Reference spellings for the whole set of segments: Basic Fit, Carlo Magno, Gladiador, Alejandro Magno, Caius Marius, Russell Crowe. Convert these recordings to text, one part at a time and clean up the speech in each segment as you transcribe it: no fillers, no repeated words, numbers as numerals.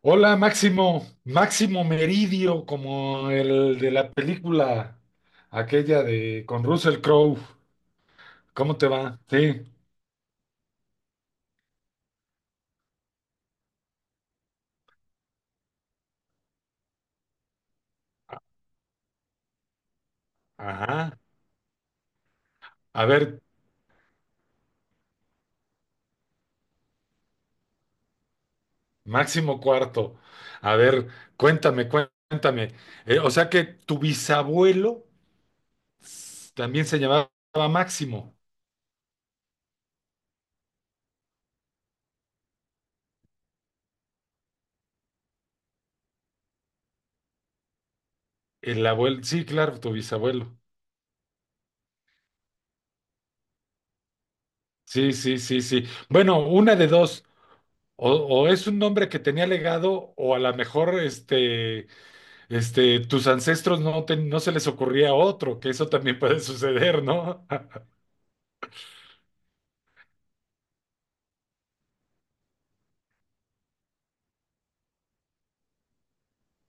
Hola, Máximo, Máximo Meridio, como el de la película aquella de con Russell Crowe. ¿Cómo te va? Sí. Ajá. A ver, Máximo Cuarto. A ver, cuéntame, cuéntame. O sea que tu bisabuelo también se llamaba Máximo. El abuelo, sí, claro, tu bisabuelo. Sí, sí, sí, sí. Bueno, una de dos. O es un nombre que tenía legado, o a lo mejor tus ancestros no se les ocurría otro, que eso también puede suceder, ¿no?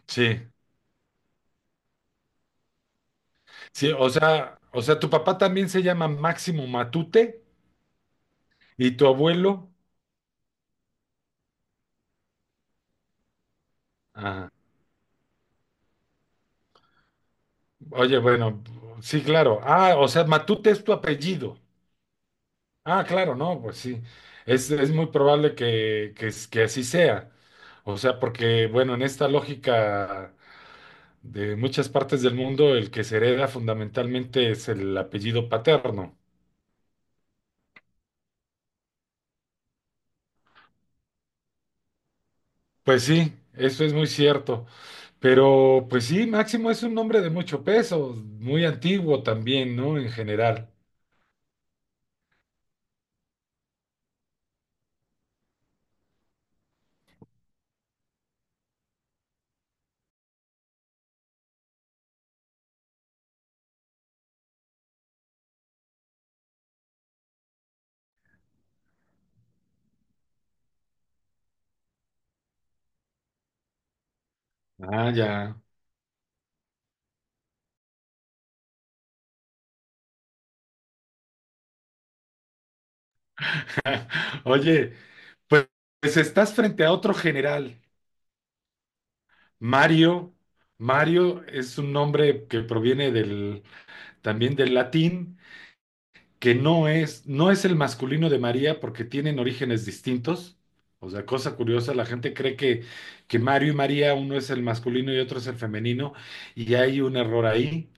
Sí, sí, o sea, tu papá también se llama Máximo Matute y tu abuelo. Ah, oye, bueno, sí, claro. Ah, o sea, Matute es tu apellido. Ah, claro, no, pues sí. Es muy probable que así sea. O sea, porque, bueno, en esta lógica de muchas partes del mundo, el que se hereda fundamentalmente es el apellido paterno. Pues sí, eso es muy cierto. Pero pues sí, Máximo es un nombre de mucho peso, muy antiguo también, ¿no? En general. Ah, ya. Oye, pues, pues estás frente a otro general, Mario. Mario es un nombre que proviene también del latín, que no es, no es el masculino de María porque tienen orígenes distintos. O sea, cosa curiosa, la gente cree que Mario y María, uno es el masculino y otro es el femenino, y hay un error ahí.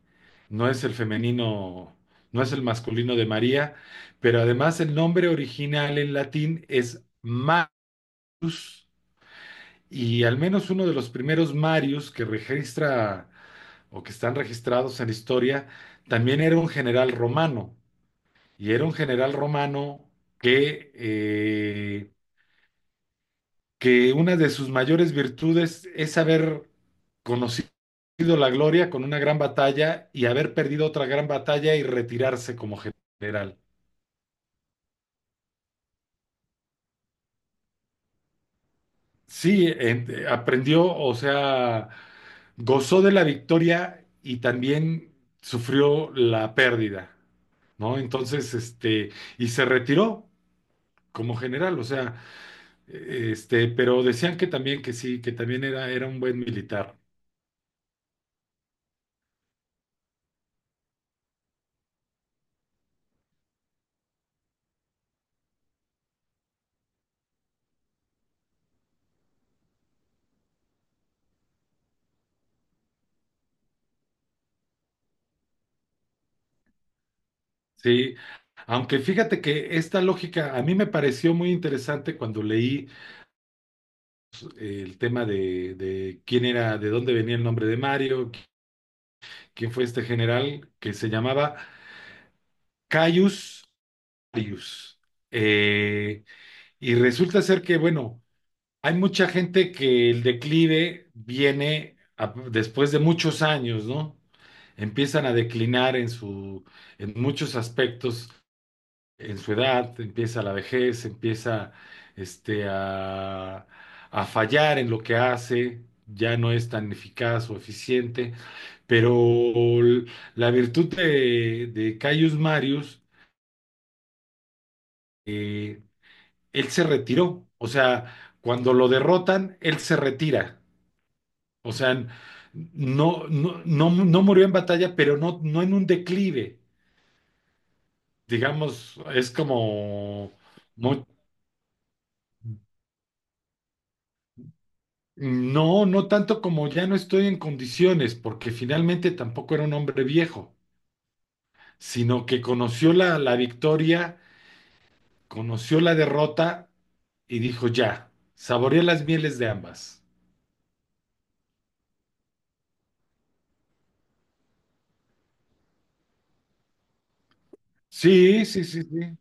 No es el femenino, no es el masculino de María, pero además el nombre original en latín es Marius, y al menos uno de los primeros Marius que registra o que están registrados en la historia también era un general romano, y era un general romano que que una de sus mayores virtudes es haber conocido la gloria con una gran batalla y haber perdido otra gran batalla y retirarse como general. Sí, aprendió, o sea, gozó de la victoria y también sufrió la pérdida, ¿no? Entonces, y se retiró como general, o sea, pero decían que también que sí, que también era un buen militar, ¿sí? Aunque fíjate que esta lógica a mí me pareció muy interesante cuando leí el tema de quién era, de dónde venía el nombre de Mario, quién fue este general que se llamaba Caius, varios. Eh, y resulta ser que, bueno, hay mucha gente que el declive viene después de muchos años, ¿no? Empiezan a declinar en muchos aspectos, en su edad, empieza la vejez, empieza este, a, a fallar en lo que hace, ya no es tan eficaz o eficiente, pero l- la virtud de Caius Marius, eh, él se retiró. O sea, cuando lo derrotan, él se retira. O sea, no, no, no murió en batalla, pero no, no en un declive. Digamos, es como, no, no tanto como ya no estoy en condiciones, porque finalmente tampoco era un hombre viejo, sino que conoció la victoria, conoció la derrota y dijo ya, saboreé las mieles de ambas. Sí, sí, sí, sí.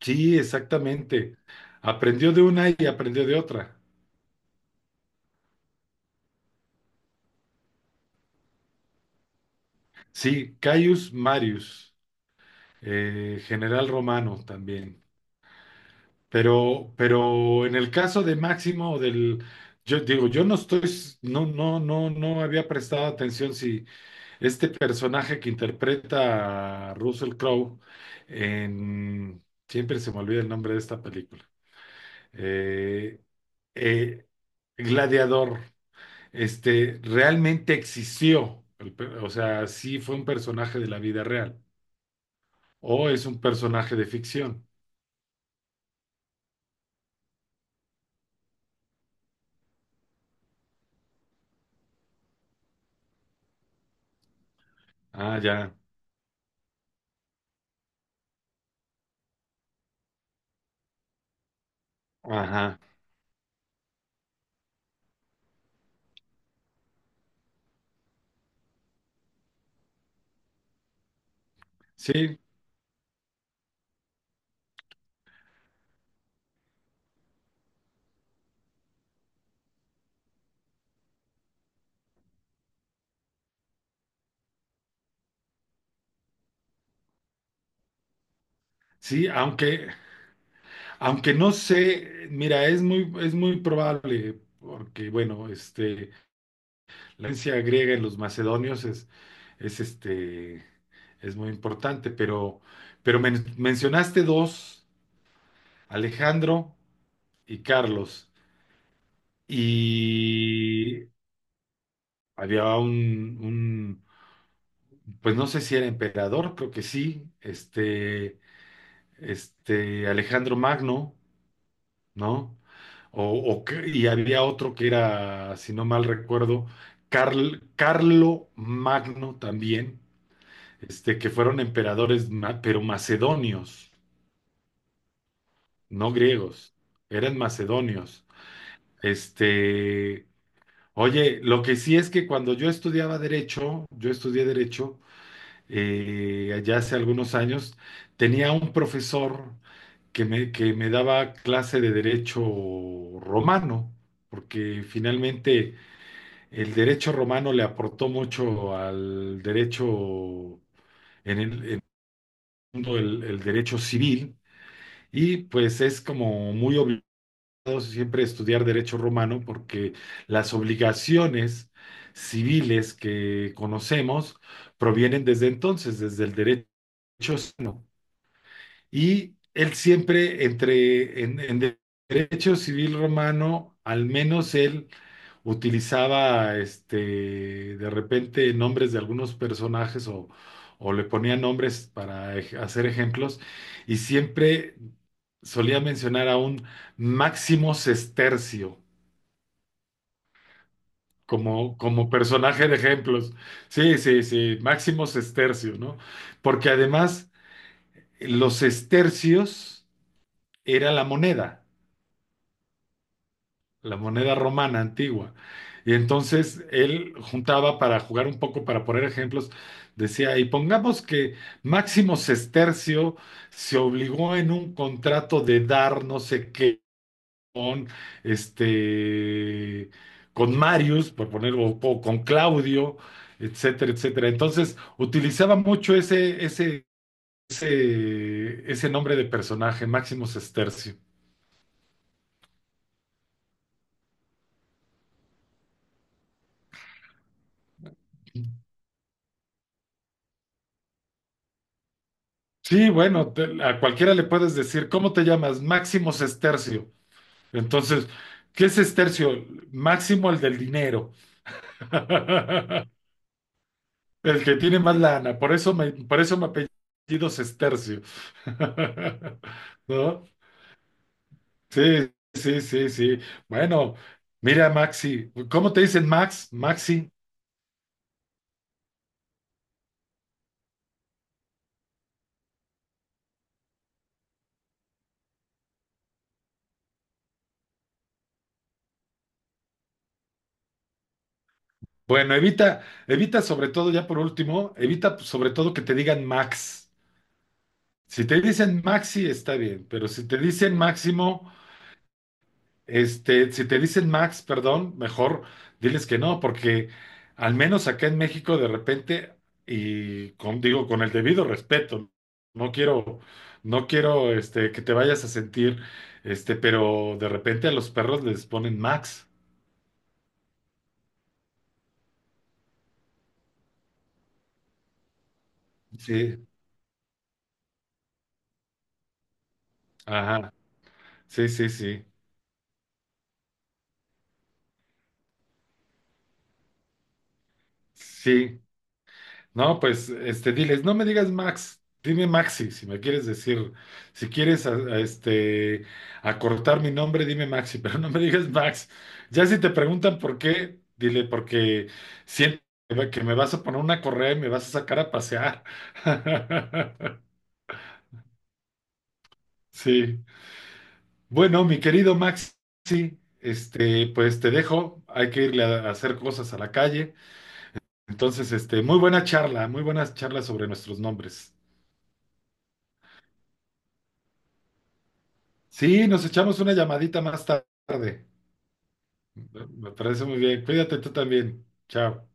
Sí, exactamente. Aprendió de una y aprendió de otra. Sí, Caius Marius, general romano también. Pero en el caso de Máximo, yo digo, yo no estoy, s- no, no, no había prestado atención si este personaje que interpreta a Russell Crowe en, siempre se me olvida el nombre de esta película. Eh, eh, Gladiador. Este, realmente existió. O sea, ¿sí fue un personaje de la vida real o es un personaje de ficción? Ah, ya, ajá, sí, sí, aunque, aunque no sé, mira, es muy probable, porque bueno, la herencia griega en los macedonios es es muy importante, pero mencionaste dos, Alejandro y Carlos. Y había pues no sé si era emperador, creo que sí, este Alejandro Magno, ¿no? O, o que- y había otro que era, si no mal recuerdo, Carlo Magno también, este, que fueron emperadores, pero macedonios, no griegos, eran macedonios. Este, oye, lo que sí es que cuando yo estudiaba derecho, yo estudié derecho, allá hace algunos años, tenía un profesor que me daba clase de derecho romano, porque finalmente el derecho romano le aportó mucho al derecho en el mundo, el derecho civil, y pues es como muy obligado siempre estudiar derecho romano porque las obligaciones civiles que conocemos provienen desde entonces, desde el derecho romano. Y él siempre en derecho civil romano, al menos él utilizaba este de repente nombres de algunos personajes o le ponía nombres para hacer ejemplos y siempre solía mencionar a un Máximo Sestercio como, como personaje de ejemplos. Sí, sí, sí, Máximo Sestercio, ¿no? Porque además los sestercios era la moneda, la moneda romana antigua. Y entonces él juntaba para jugar un poco, para poner ejemplos, decía, y pongamos que Máximo Sestercio se obligó en un contrato de dar no sé qué con este con Marius, por ponerlo, o con Claudio, etcétera, etcétera. Entonces utilizaba mucho ese nombre de personaje, Máximo Sestercio. Sí, bueno, a cualquiera le puedes decir, ¿cómo te llamas? Máximo Sestercio. Entonces, ¿qué es Sestercio? Máximo el del dinero. El que tiene más lana. Por eso me apellido Sestercio. ¿No? Sí, sí, sí, sí. Bueno, mira, Maxi, ¿cómo te dicen Max? Maxi. Bueno, evita, evita sobre todo, ya por último, evita sobre todo que te digan Max. Si te dicen Maxi, está bien, pero si te dicen Máximo, este, si te dicen Max, perdón, mejor diles que no, porque al menos acá en México de repente, y con, digo, con el debido respeto, no quiero, no quiero, este, que te vayas a sentir, este, pero de repente a los perros les ponen Max. Sí, ajá, sí, sí, sí, sí. No, pues este, diles, no me digas Max, dime Maxi, si me quieres decir, si quieres este, acortar mi nombre, dime Maxi, pero no me digas Max. Ya si te preguntan por qué, dile, porque siento que me vas a poner una correa y me vas a sacar a pasear. Sí. Bueno, mi querido Maxi, este, pues te dejo, hay que irle a hacer cosas a la calle. Entonces, este, muy buena charla, muy buenas charlas sobre nuestros nombres. Sí, nos echamos una llamadita más tarde. Me parece muy bien. Cuídate tú también. Chao.